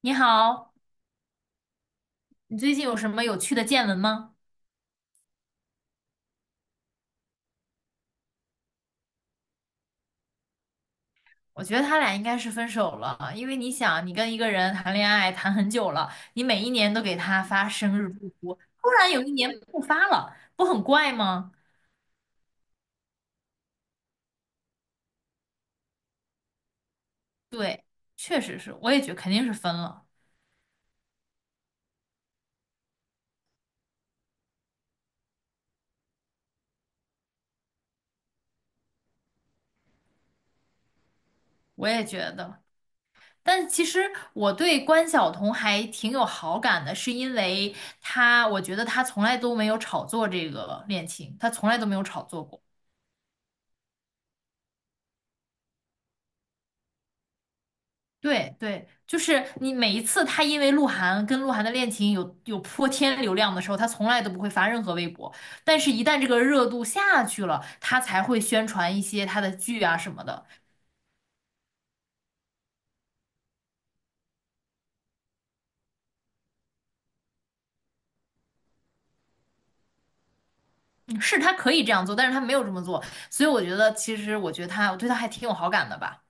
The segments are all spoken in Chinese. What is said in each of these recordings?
你好，你最近有什么有趣的见闻吗？我觉得他俩应该是分手了，因为你想，你跟一个人谈恋爱谈很久了，你每一年都给他发生日祝福，突然有一年不发了，不很怪吗？对，确实是，我也觉肯定是分了，我也觉得。但其实我对关晓彤还挺有好感的，是因为她，我觉得她从来都没有炒作这个恋情，她从来都没有炒作过。对对，就是你每一次他因为鹿晗跟鹿晗的恋情有泼天流量的时候，他从来都不会发任何微博，但是一旦这个热度下去了，他才会宣传一些他的剧啊什么的。嗯，是他可以这样做，但是他没有这么做，所以我觉得其实我觉得他我对他还挺有好感的吧。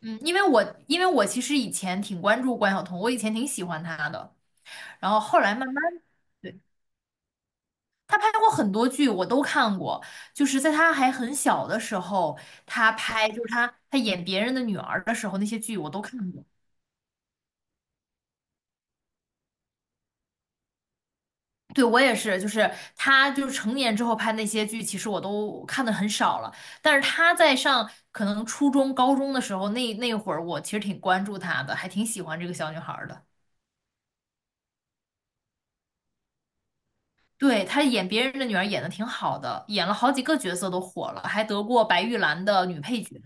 嗯，因为我其实以前挺关注关晓彤，我以前挺喜欢她的，然后后来慢慢。对。他拍过很多剧，我都看过。就是在他还很小的时候，他拍就是他演别人的女儿的时候，那些剧我都看过。对，我也是，就是他就是成年之后拍那些剧，其实我都看的很少了。但是他在上可能初中、高中的时候，那会儿我其实挺关注他的，还挺喜欢这个小女孩儿的。对，她演别人的女儿演的挺好的，演了好几个角色都火了，还得过白玉兰的女配角。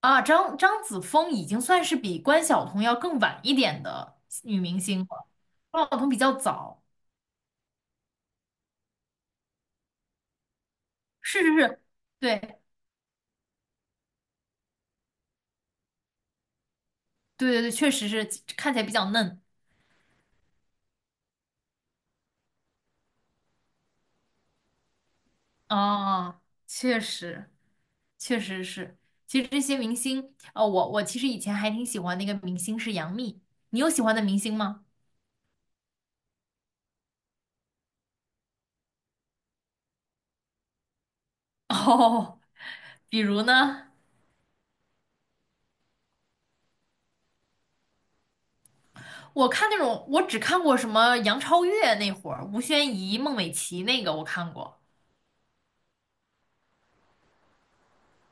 啊，张子枫已经算是比关晓彤要更晚一点的女明星了，关晓彤比较早，是是是，对对对对，确实是看起来比较嫩啊，确实确实是。其实这些明星，哦，我其实以前还挺喜欢那个明星是杨幂，你有喜欢的明星吗？哦，比如呢，我看那种我只看过什么杨超越那会儿，吴宣仪、孟美岐那个我看过。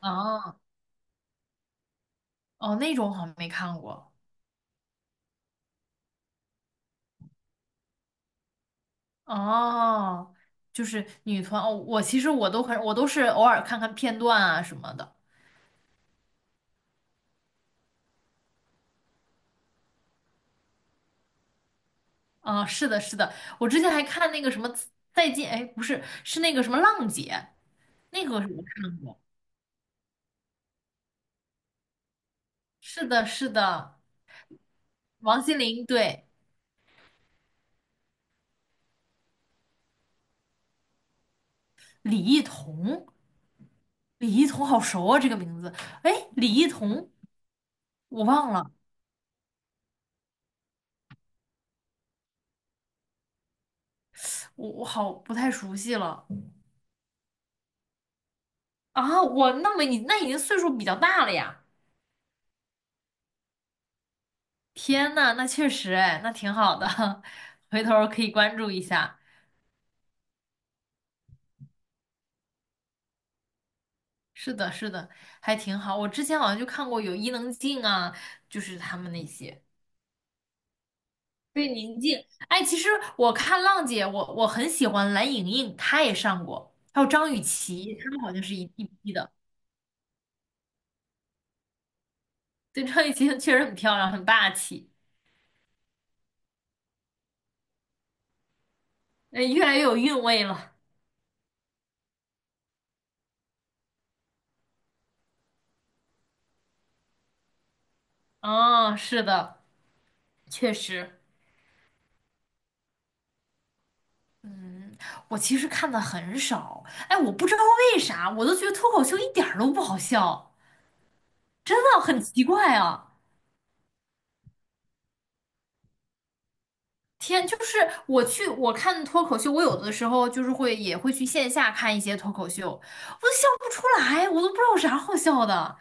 啊。哦，那种好像没看过。哦，就是女团哦，我其实我都很，我都是偶尔看看片段啊什么的。啊、是的，是的，我之前还看那个什么再见，哎，不是，是那个什么浪姐，那个我看过。是的，是的，王心凌，对，李艺彤，李艺彤好熟啊，这个名字。哎，李艺彤，我忘了，我我好不太熟悉了啊。我那么你那已经岁数比较大了呀。天呐，那确实哎，那挺好的，回头儿可以关注一下。是的，是的，还挺好。我之前好像就看过有伊能静啊，就是他们那些。对，宁静。哎，其实我看浪姐，我很喜欢蓝盈莹，她也上过，还有张雨绮，她们好像是一批的。对，张雨绮确实很漂亮，很霸气，哎，越来越有韵味了。哦，是的，确实。嗯，我其实看的很少，哎，我不知道为啥，我都觉得脱口秀一点儿都不好笑，真的很奇怪啊！天，就是我看脱口秀，我有的时候就是会也会去线下看一些脱口秀，我都笑不出来，我都不知道有啥好笑的。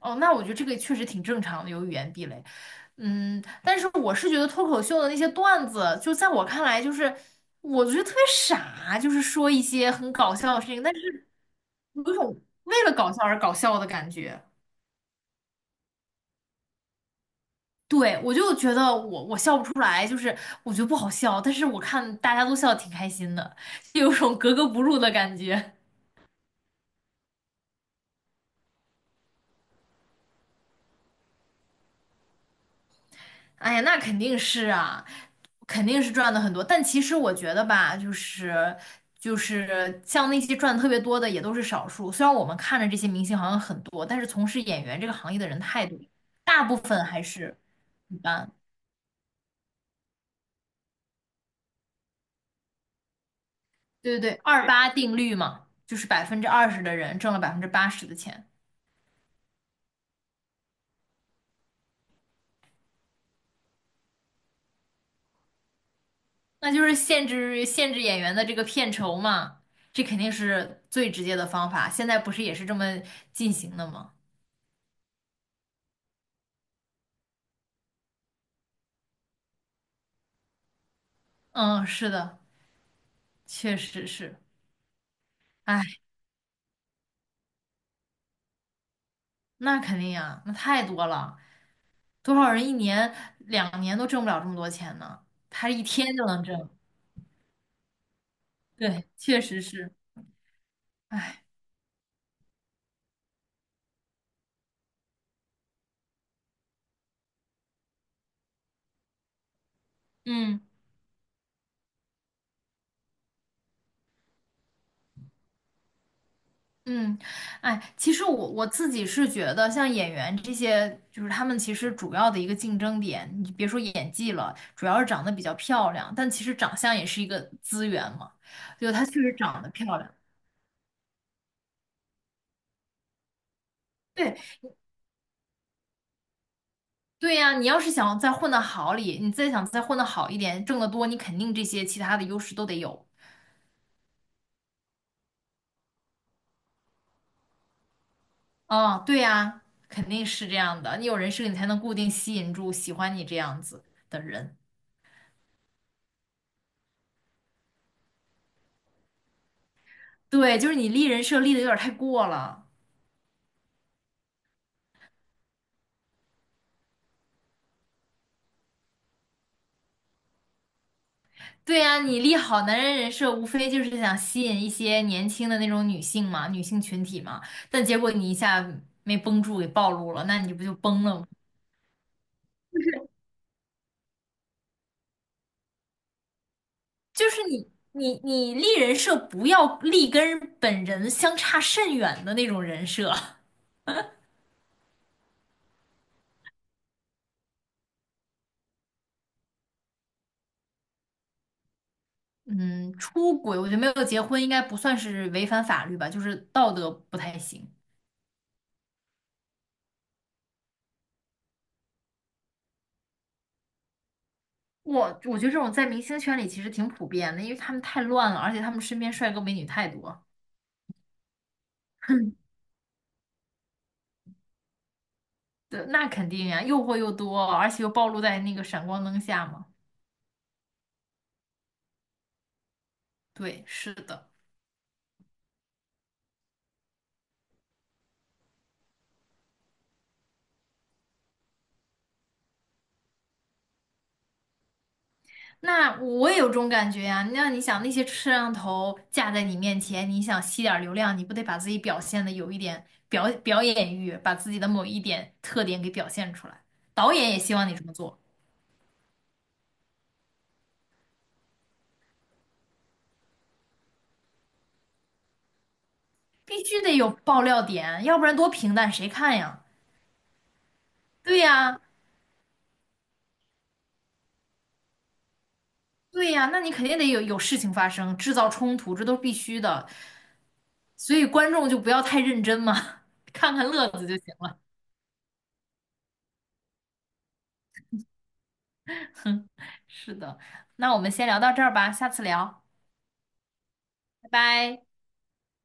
哦，那我觉得这个确实挺正常的，有语言壁垒。嗯，但是我是觉得脱口秀的那些段子，就在我看来，就是我觉得特别傻，就是说一些很搞笑的事情，但是。有一种为了搞笑而搞笑的感觉。对，我就觉得我笑不出来，就是我觉得不好笑，但是我看大家都笑得挺开心的，就有种格格不入的感觉。哎呀，那肯定是啊，肯定是赚的很多。但其实我觉得吧，就是就是像那些赚得特别多的也都是少数。虽然我们看着这些明星好像很多，但是从事演员这个行业的人太多，大部分还是一般。对对对，二八定律嘛，就是百分之二十的人挣了百分之八十的钱，那就是限制演员的这个片酬嘛，这肯定是最直接的方法。现在不是也是这么进行的吗？嗯，是的，确实是。哎，那肯定呀，那太多了，多少人一年两年都挣不了这么多钱呢？他一天就能挣，对，确实是。哎，嗯。嗯，哎，其实我我自己是觉得，像演员这些，就是他们其实主要的一个竞争点，你别说演技了，主要是长得比较漂亮，但其实长相也是一个资源嘛，就她确实长得漂亮。对，对呀，你要是想再混得好里，你再想再混得好一点，挣得多，你肯定这些其他的优势都得有。啊，对呀，肯定是这样的，你有人设，你才能固定吸引住喜欢你这样子的人。对，就是你立人设立的有点太过了。对呀，你立好男人人设，无非就是想吸引一些年轻的那种女性嘛，女性群体嘛。但结果你一下没绷住，给暴露了，那你不就崩了吗？就是你立人设，不要立跟本人相差甚远的那种人设。嗯，出轨，我觉得没有结婚应该不算是违反法律吧，就是道德不太行。我觉得这种在明星圈里其实挺普遍的，因为他们太乱了，而且他们身边帅哥美女太多。对，那肯定呀，诱惑又多，而且又暴露在那个闪光灯下嘛。对，是的。那我也有这种感觉呀。那你想，那些摄像头架在你面前，你想吸点儿流量，你不得把自己表现的有一点表演欲，把自己的某一点特点给表现出来。导演也希望你这么做，必须得有爆料点，要不然多平淡谁看呀？对呀，对呀，那你肯定得有事情发生，制造冲突，这都是必须的。所以观众就不要太认真嘛，看看乐子就行了。是的，那我们先聊到这儿吧，下次聊，拜拜。